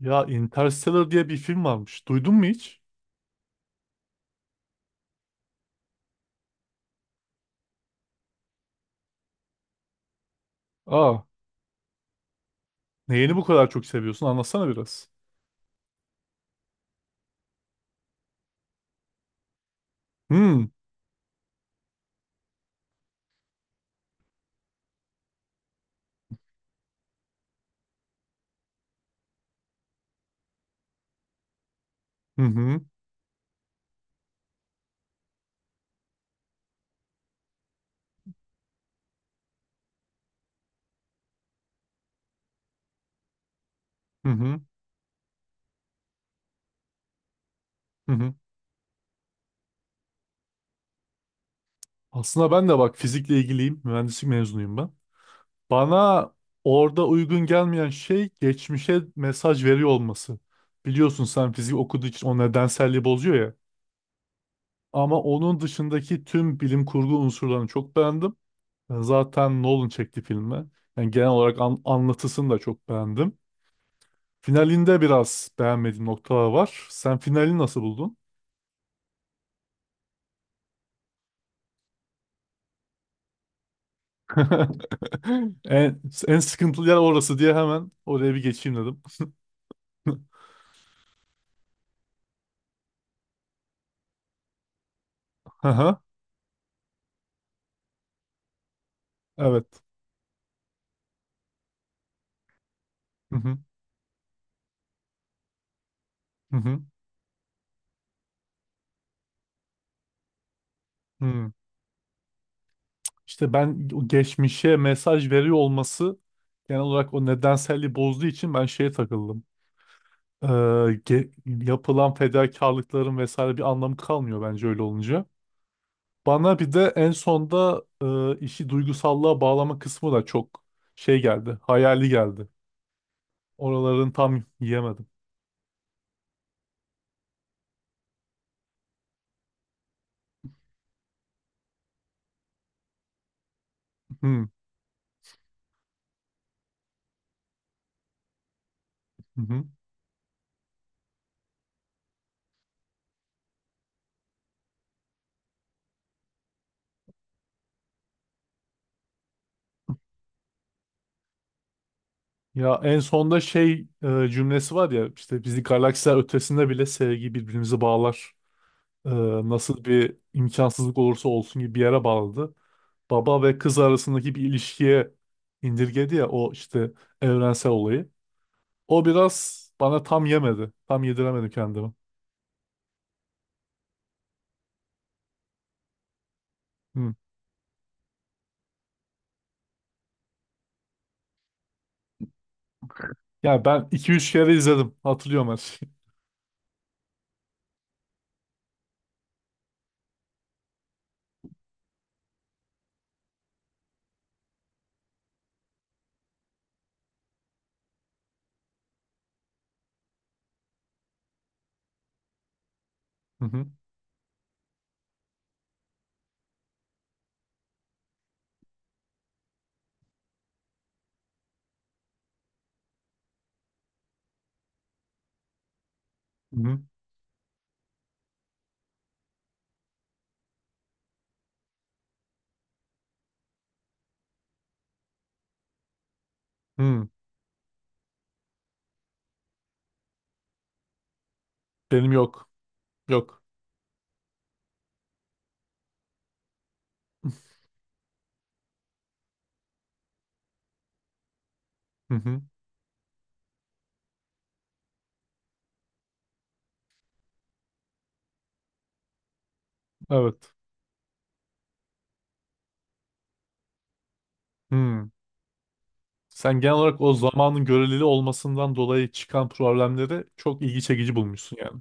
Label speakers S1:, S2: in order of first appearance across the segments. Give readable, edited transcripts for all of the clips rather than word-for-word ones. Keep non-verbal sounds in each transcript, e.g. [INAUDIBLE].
S1: Ya Interstellar diye bir film varmış. Duydun mu hiç? Aa, neyini bu kadar çok seviyorsun? Anlatsana biraz. Hmm. Hı hı. Hı hı. Hı hı. Aslında ben de bak fizikle ilgiliyim. Mühendislik mezunuyum ben. Bana orada uygun gelmeyen şey geçmişe mesaj veriyor olması. Biliyorsun sen fizik okuduğu için o nedenselliği bozuyor ya. Ama onun dışındaki tüm bilim kurgu unsurlarını çok beğendim. Ben zaten Nolan çekti filmi. Yani genel olarak anlatısını da çok beğendim. Finalinde biraz beğenmediğim noktalar var. Sen finali nasıl buldun? [LAUGHS] En, en sıkıntılı yer orası diye hemen oraya bir geçeyim dedim. [LAUGHS] Aha, evet. Hı hı, hı hı, hı. İşte ben o geçmişe mesaj veriyor olması genel olarak o nedenselliği bozduğu için ben şeye takıldım. Ee, ge- Yapılan fedakarlıkların vesaire bir anlamı kalmıyor bence öyle olunca. Bana bir de en sonda işi duygusallığa bağlama kısmı da çok şey geldi, hayali geldi. Oraların tam yiyemedim. Hı hı. Hı. Ya en sonda şey cümlesi var ya işte bizi galaksiler ötesinde bile sevgi birbirimizi bağlar. E, Nasıl bir imkansızlık olursa olsun gibi bir yere bağladı. Baba ve kız arasındaki bir ilişkiye indirgedi ya o işte evrensel olayı. O biraz bana tam yemedi. Tam yediremedim kendimi. Hı. Yani ben iki üç kere izledim. Hatırlıyorum her şeyi. Hı hı. Hı hı. Hı. Benim yok. Yok. [LAUGHS] Hı hı. Evet. Hı. Sen genel olarak o zamanın görelili olmasından dolayı çıkan problemleri çok ilgi çekici bulmuşsun yani.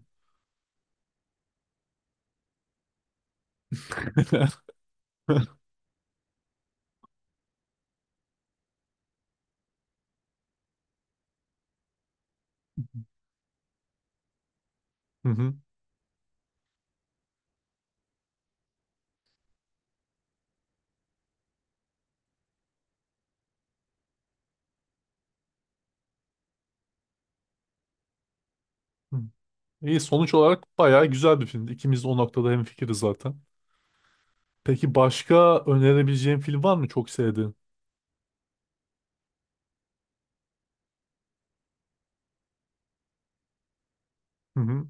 S1: [LAUGHS] Hı hı. Hı. İyi, sonuç olarak bayağı güzel bir filmdi. İkimiz de o noktada hemfikiriz zaten. Peki başka önerebileceğin film var mı çok sevdiğin? Hı hı.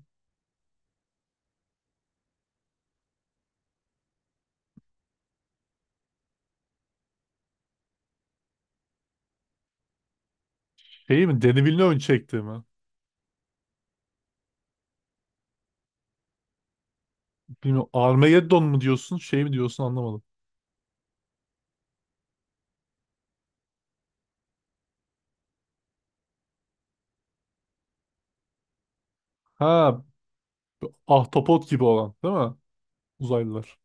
S1: Şey mi? Denis Villeneuve çekti mi? Bilmiyorum. Armageddon mu diyorsun? Şey mi diyorsun anlamadım. Ha, ahtapot gibi olan değil mi? Uzaylılar.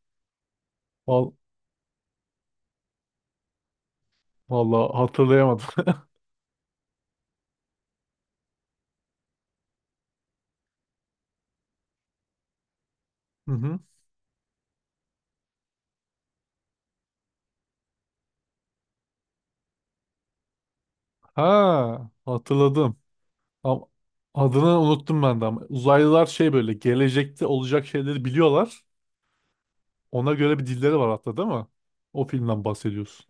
S1: Val Vallahi hatırlayamadım. [LAUGHS] Hı hı. Ha, hatırladım. Am- Adını unuttum ben de ama uzaylılar şey böyle gelecekte olacak şeyleri biliyorlar. Ona göre bir dilleri var hatta değil mi? O filmden bahsediyorsun.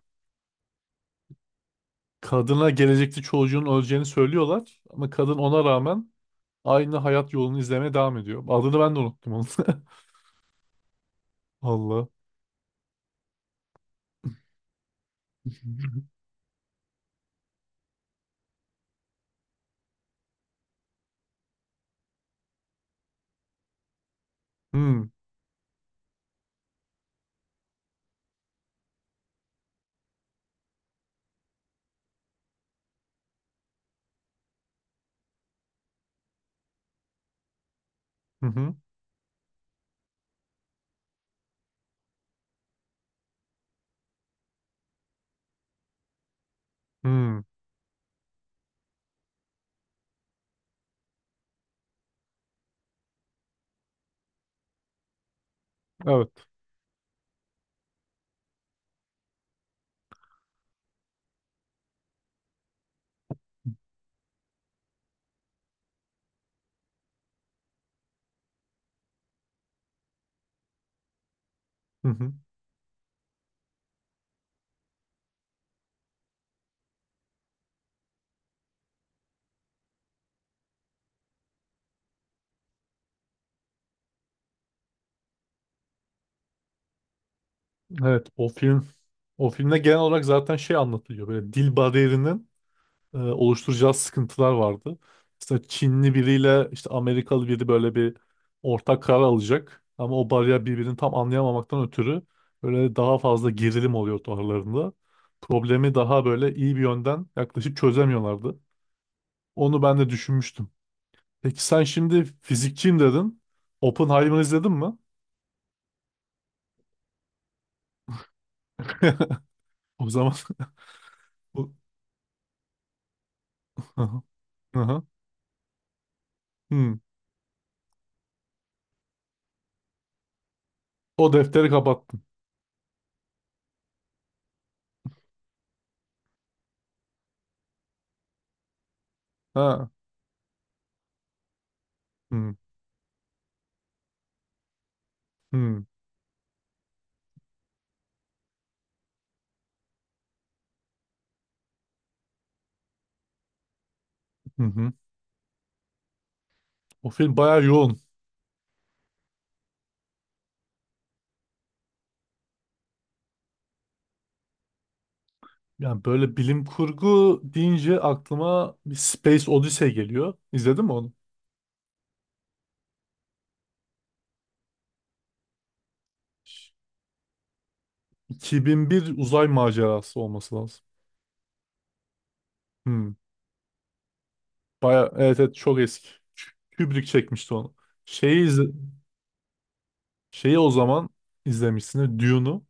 S1: Kadına gelecekte çocuğun öleceğini söylüyorlar ama kadın ona rağmen aynı hayat yolunu izlemeye devam ediyor. Adını ben de unuttum onu. [LAUGHS] Allah. Hmm. Hı hı. Hmm. Evet. Hı hı. Evet, o film, o filmde genel olarak zaten şey anlatılıyor. Böyle dil bariyerinin oluşturacağı sıkıntılar vardı. Mesela Çinli biriyle işte Amerikalı biri böyle bir ortak karar alacak. Ama o bariyer birbirini tam anlayamamaktan ötürü böyle daha fazla gerilim oluyordu aralarında. Problemi daha böyle iyi bir yönden yaklaşıp çözemiyorlardı. Onu ben de düşünmüştüm. Peki sen şimdi fizikçiyim dedin. Oppenheimer izledin mi? [LAUGHS] O zaman [LAUGHS] o- aha, aha. Hmm. O defteri kapattım. Ha. Hmm. Hmm. Hı hı. O film bayağı yoğun. Yani böyle bilim kurgu deyince aklıma bir Space Odyssey geliyor. İzledin mi onu? 2001 uzay macerası olması lazım. Hmm. Baya evet, evet çok eski. Kü- Kubrick çekmişti onu. Şeyi izle- şeyi o zaman izlemişsin. Dune'u.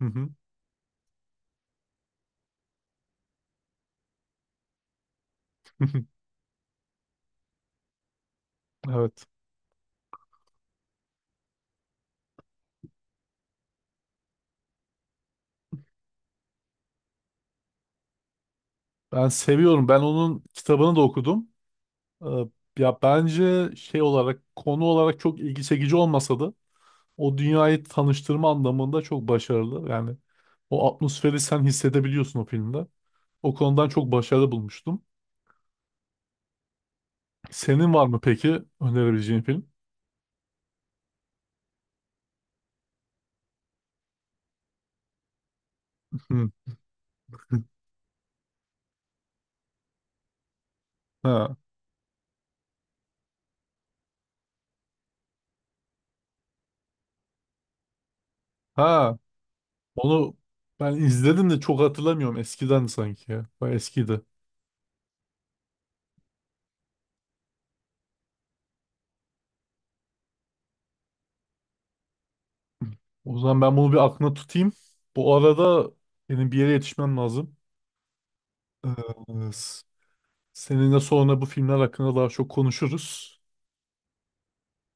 S1: Hı hı. [LAUGHS] Evet. Ben seviyorum. Ben onun kitabını da okudum. Ee, ya bence şey olarak konu olarak çok ilgi çekici olmasa da o dünyayı tanıştırma anlamında çok başarılı. Yani o atmosferi sen hissedebiliyorsun o filmde. O konudan çok başarılı bulmuştum. Senin var mı peki önerebileceğin film? [LAUGHS] Hı. Ha. Ha. Onu ben izledim de çok hatırlamıyorum. Eskiden sanki ya. Bayağı eskiydi. O zaman ben bunu bir aklına tutayım. Bu arada benim bir yere yetişmem lazım. Ee, s- Seninle sonra bu filmler hakkında daha çok konuşuruz.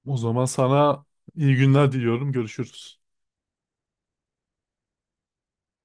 S1: O zaman sana iyi günler diliyorum. Görüşürüz.